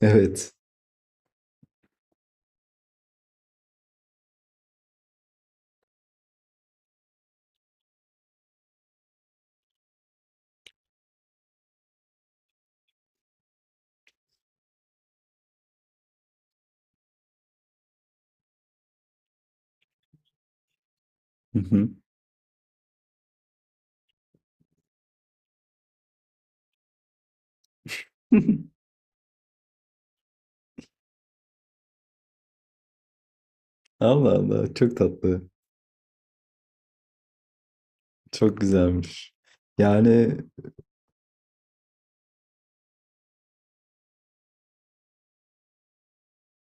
Evet. Hı hı. Allah Allah, çok tatlı. Çok güzelmiş. Yani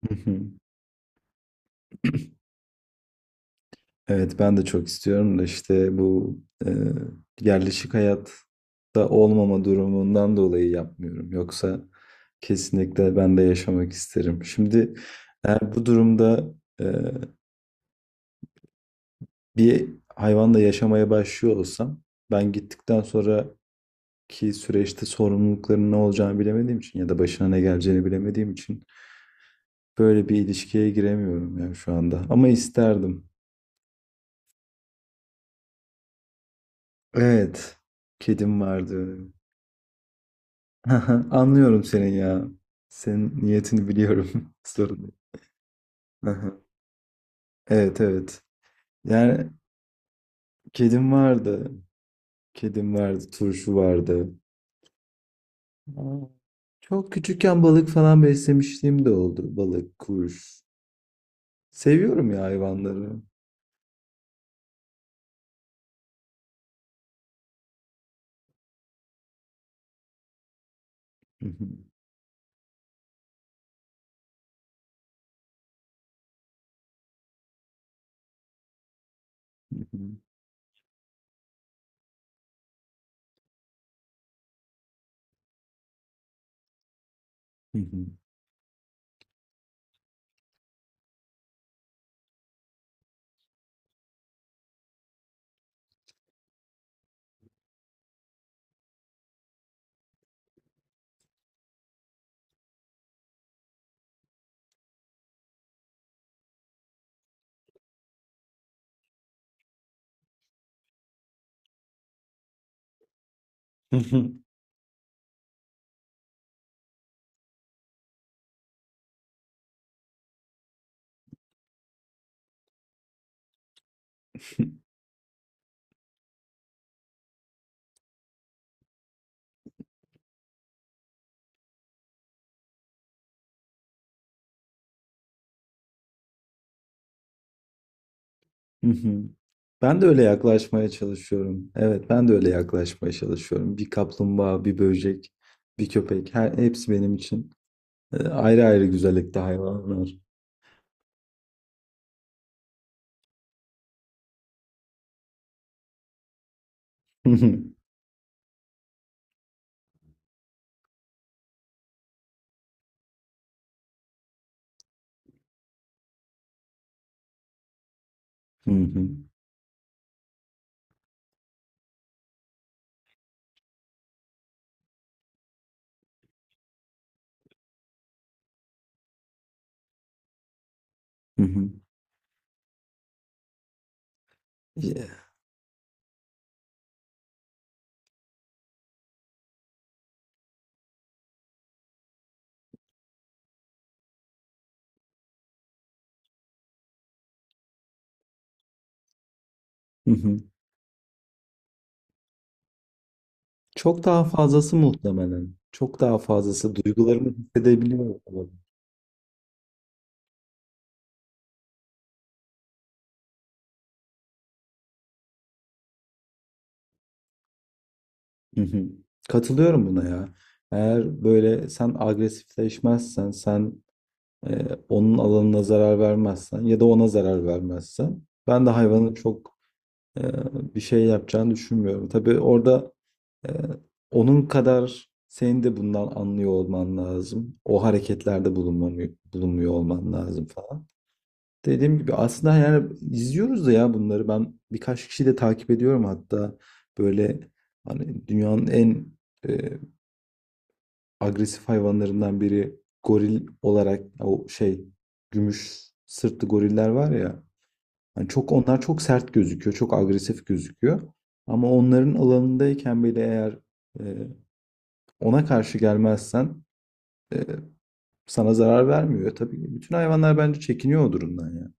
hı hı. Evet ben de çok istiyorum da işte bu e, yerleşik hayatta olmama durumundan dolayı yapmıyorum. Yoksa kesinlikle ben de yaşamak isterim. Şimdi eğer bu durumda e, bir hayvanla yaşamaya başlıyor olsam ben gittikten sonraki süreçte sorumlulukların ne olacağını bilemediğim için ya da başına ne geleceğini bilemediğim için böyle bir ilişkiye giremiyorum ya şu anda. Ama isterdim. Evet. Kedim vardı. Anlıyorum senin ya. Senin niyetini biliyorum. Sorun değil. Aha. Evet, evet. Yani kedim vardı. Kedim vardı. Turşu vardı. Aa, çok küçükken balık falan beslemişliğim de oldu. Balık, kuş. Seviyorum ya hayvanları. Ben de öyle yaklaşmaya çalışıyorum. Evet, ben de öyle yaklaşmaya çalışıyorum. Bir kaplumbağa, bir böcek, bir köpek, hepsi benim için ayrı ayrı güzellikte hayvanlar. Hı hı, hı hı, hı hı. Yeah. Hı hı. Çok daha fazlası muhtemelen. Çok daha fazlası duygularımı hissedebiliyorum. Hı hı. Katılıyorum buna ya. Eğer böyle sen agresifleşmezsen, sen onun alanına zarar vermezsen ya da ona zarar vermezsen, ben de hayvanı çok e, bir şey yapacağını düşünmüyorum. Tabii orada e, onun kadar senin de bundan anlıyor olman lazım. O hareketlerde bulunmuyor olman lazım falan. Dediğim gibi aslında yani izliyoruz da ya bunları. Ben birkaç kişiyi de takip ediyorum hatta, böyle hani dünyanın en e, agresif hayvanlarından biri goril olarak, o şey, gümüş sırtlı goriller var ya. Hani çok, onlar çok sert gözüküyor, çok agresif gözüküyor. Ama onların alanındayken bile eğer e, ona karşı gelmezsen e, sana zarar vermiyor. Tabii bütün hayvanlar bence çekiniyor o durumdan ya.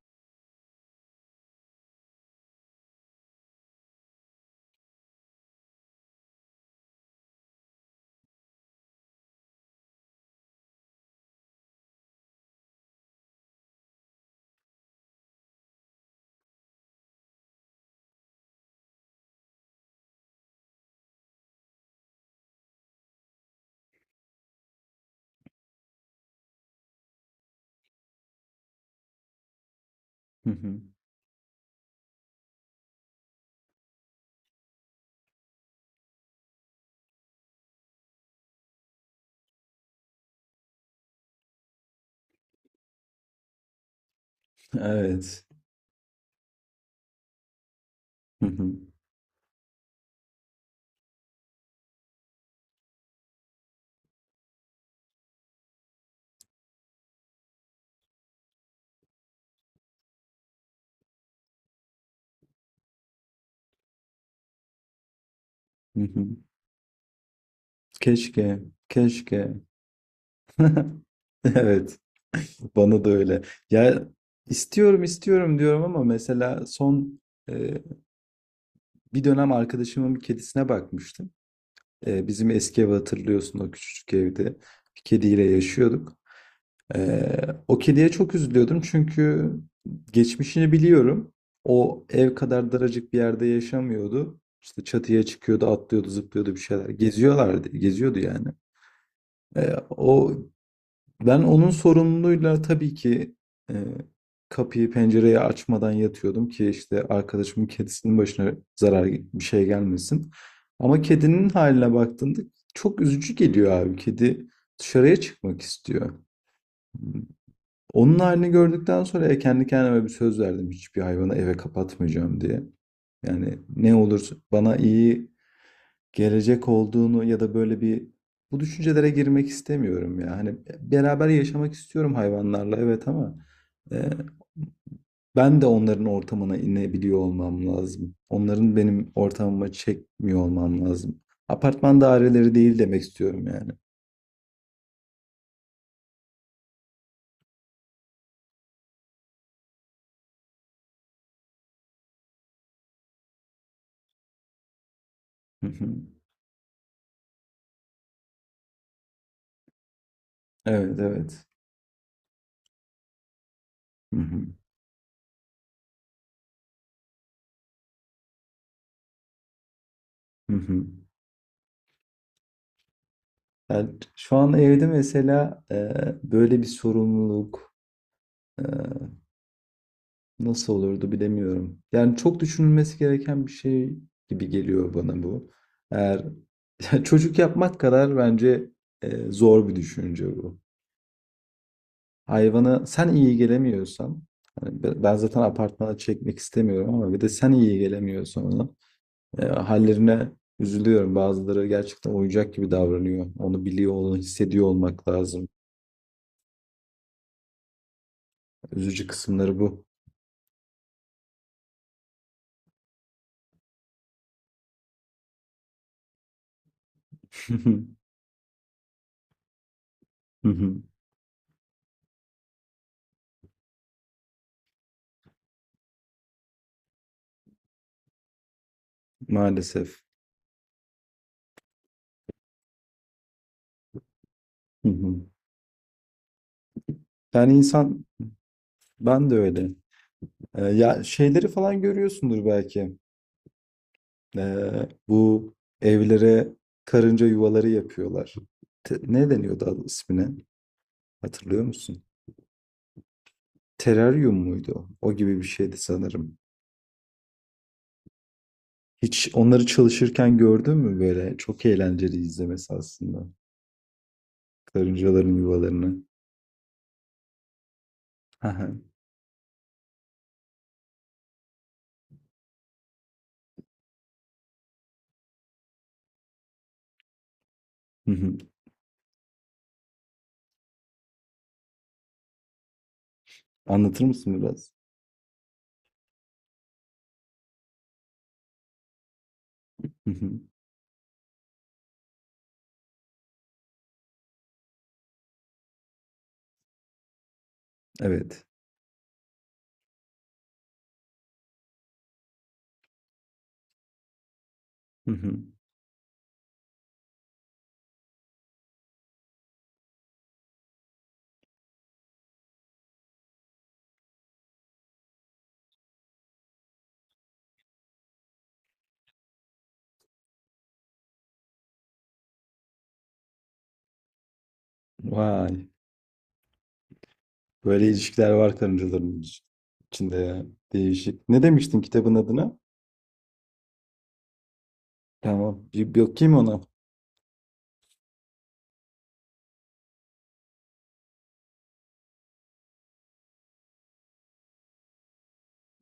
Hı hı. Evet. Hı hı. Hı hı. Keşke, keşke. Evet, bana da öyle. Ya istiyorum istiyorum diyorum ama mesela son e, bir dönem arkadaşımın bir kedisine bakmıştım. Bizim eski evi hatırlıyorsun, o küçücük evde. Bir kediyle yaşıyorduk. E, O kediye çok üzülüyordum çünkü geçmişini biliyorum. O ev kadar daracık bir yerde yaşamıyordu. İşte çatıya çıkıyordu, atlıyordu, zıplıyordu bir şeyler. Geziyorlardı, geziyordu yani. E, O, ben onun sorumluluğuyla tabii ki e, kapıyı pencereyi açmadan yatıyordum ki işte arkadaşımın kedisinin başına zarar, bir şey gelmesin. Ama kedinin haline baktığında çok üzücü geliyor abi. Kedi dışarıya çıkmak istiyor. Hmm, Onun halini gördükten sonra ya kendi kendime bir söz verdim, hiçbir hayvanı eve kapatmayacağım diye. Yani ne olur bana iyi gelecek olduğunu ya da böyle bir, bu düşüncelere girmek istemiyorum ya. Hani beraber yaşamak istiyorum hayvanlarla evet, ama e, ben de onların ortamına inebiliyor olmam lazım. Onların benim ortamıma çekmiyor olmam lazım. Apartman daireleri değil demek istiyorum yani. Hı hı. Evet, evet. Hı hı. Hı hı. Yani şu an evde mesela böyle bir sorumluluk, e, nasıl olurdu bilemiyorum. Yani çok düşünülmesi gereken bir şey gibi geliyor bana bu. Eğer ya çocuk yapmak kadar bence zor bir düşünce bu. Hayvana sen iyi gelemiyorsan, hani ben zaten apartmana çekmek istemiyorum, ama bir de sen iyi gelemiyorsan ona, hallerine üzülüyorum. Bazıları gerçekten oyuncak gibi davranıyor. Onu biliyor, onu hissediyor olmak lazım. Üzücü kısımları bu. Hı hı. Maalesef. Hı hı. Yani insan, ben de öyle. Ya şeyleri falan görüyorsundur belki. Bu evlere karınca yuvaları yapıyorlar. Ne deniyordu adı, ismine? Hatırlıyor musun? Teraryum muydu o? O gibi bir şeydi sanırım. Hiç onları çalışırken gördün mü böyle? Çok eğlenceli izlemesi aslında. Karıncaların yuvalarını. Hı. Hı hı. Anlatır mısın biraz? Hı hı. Evet. Hı hı. Vay. Böyle ilişkiler var karıncaların içinde ya. Değişik. Ne demiştin kitabın adına? Tamam. Bir bakayım ona.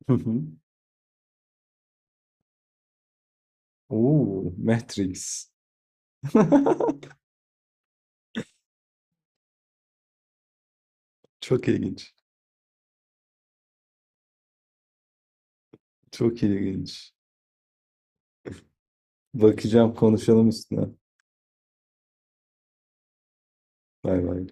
Hı hı. Oo, Matrix. Çok ilginç. Çok ilginç. Bakacağım, konuşalım üstüne. Bay bay.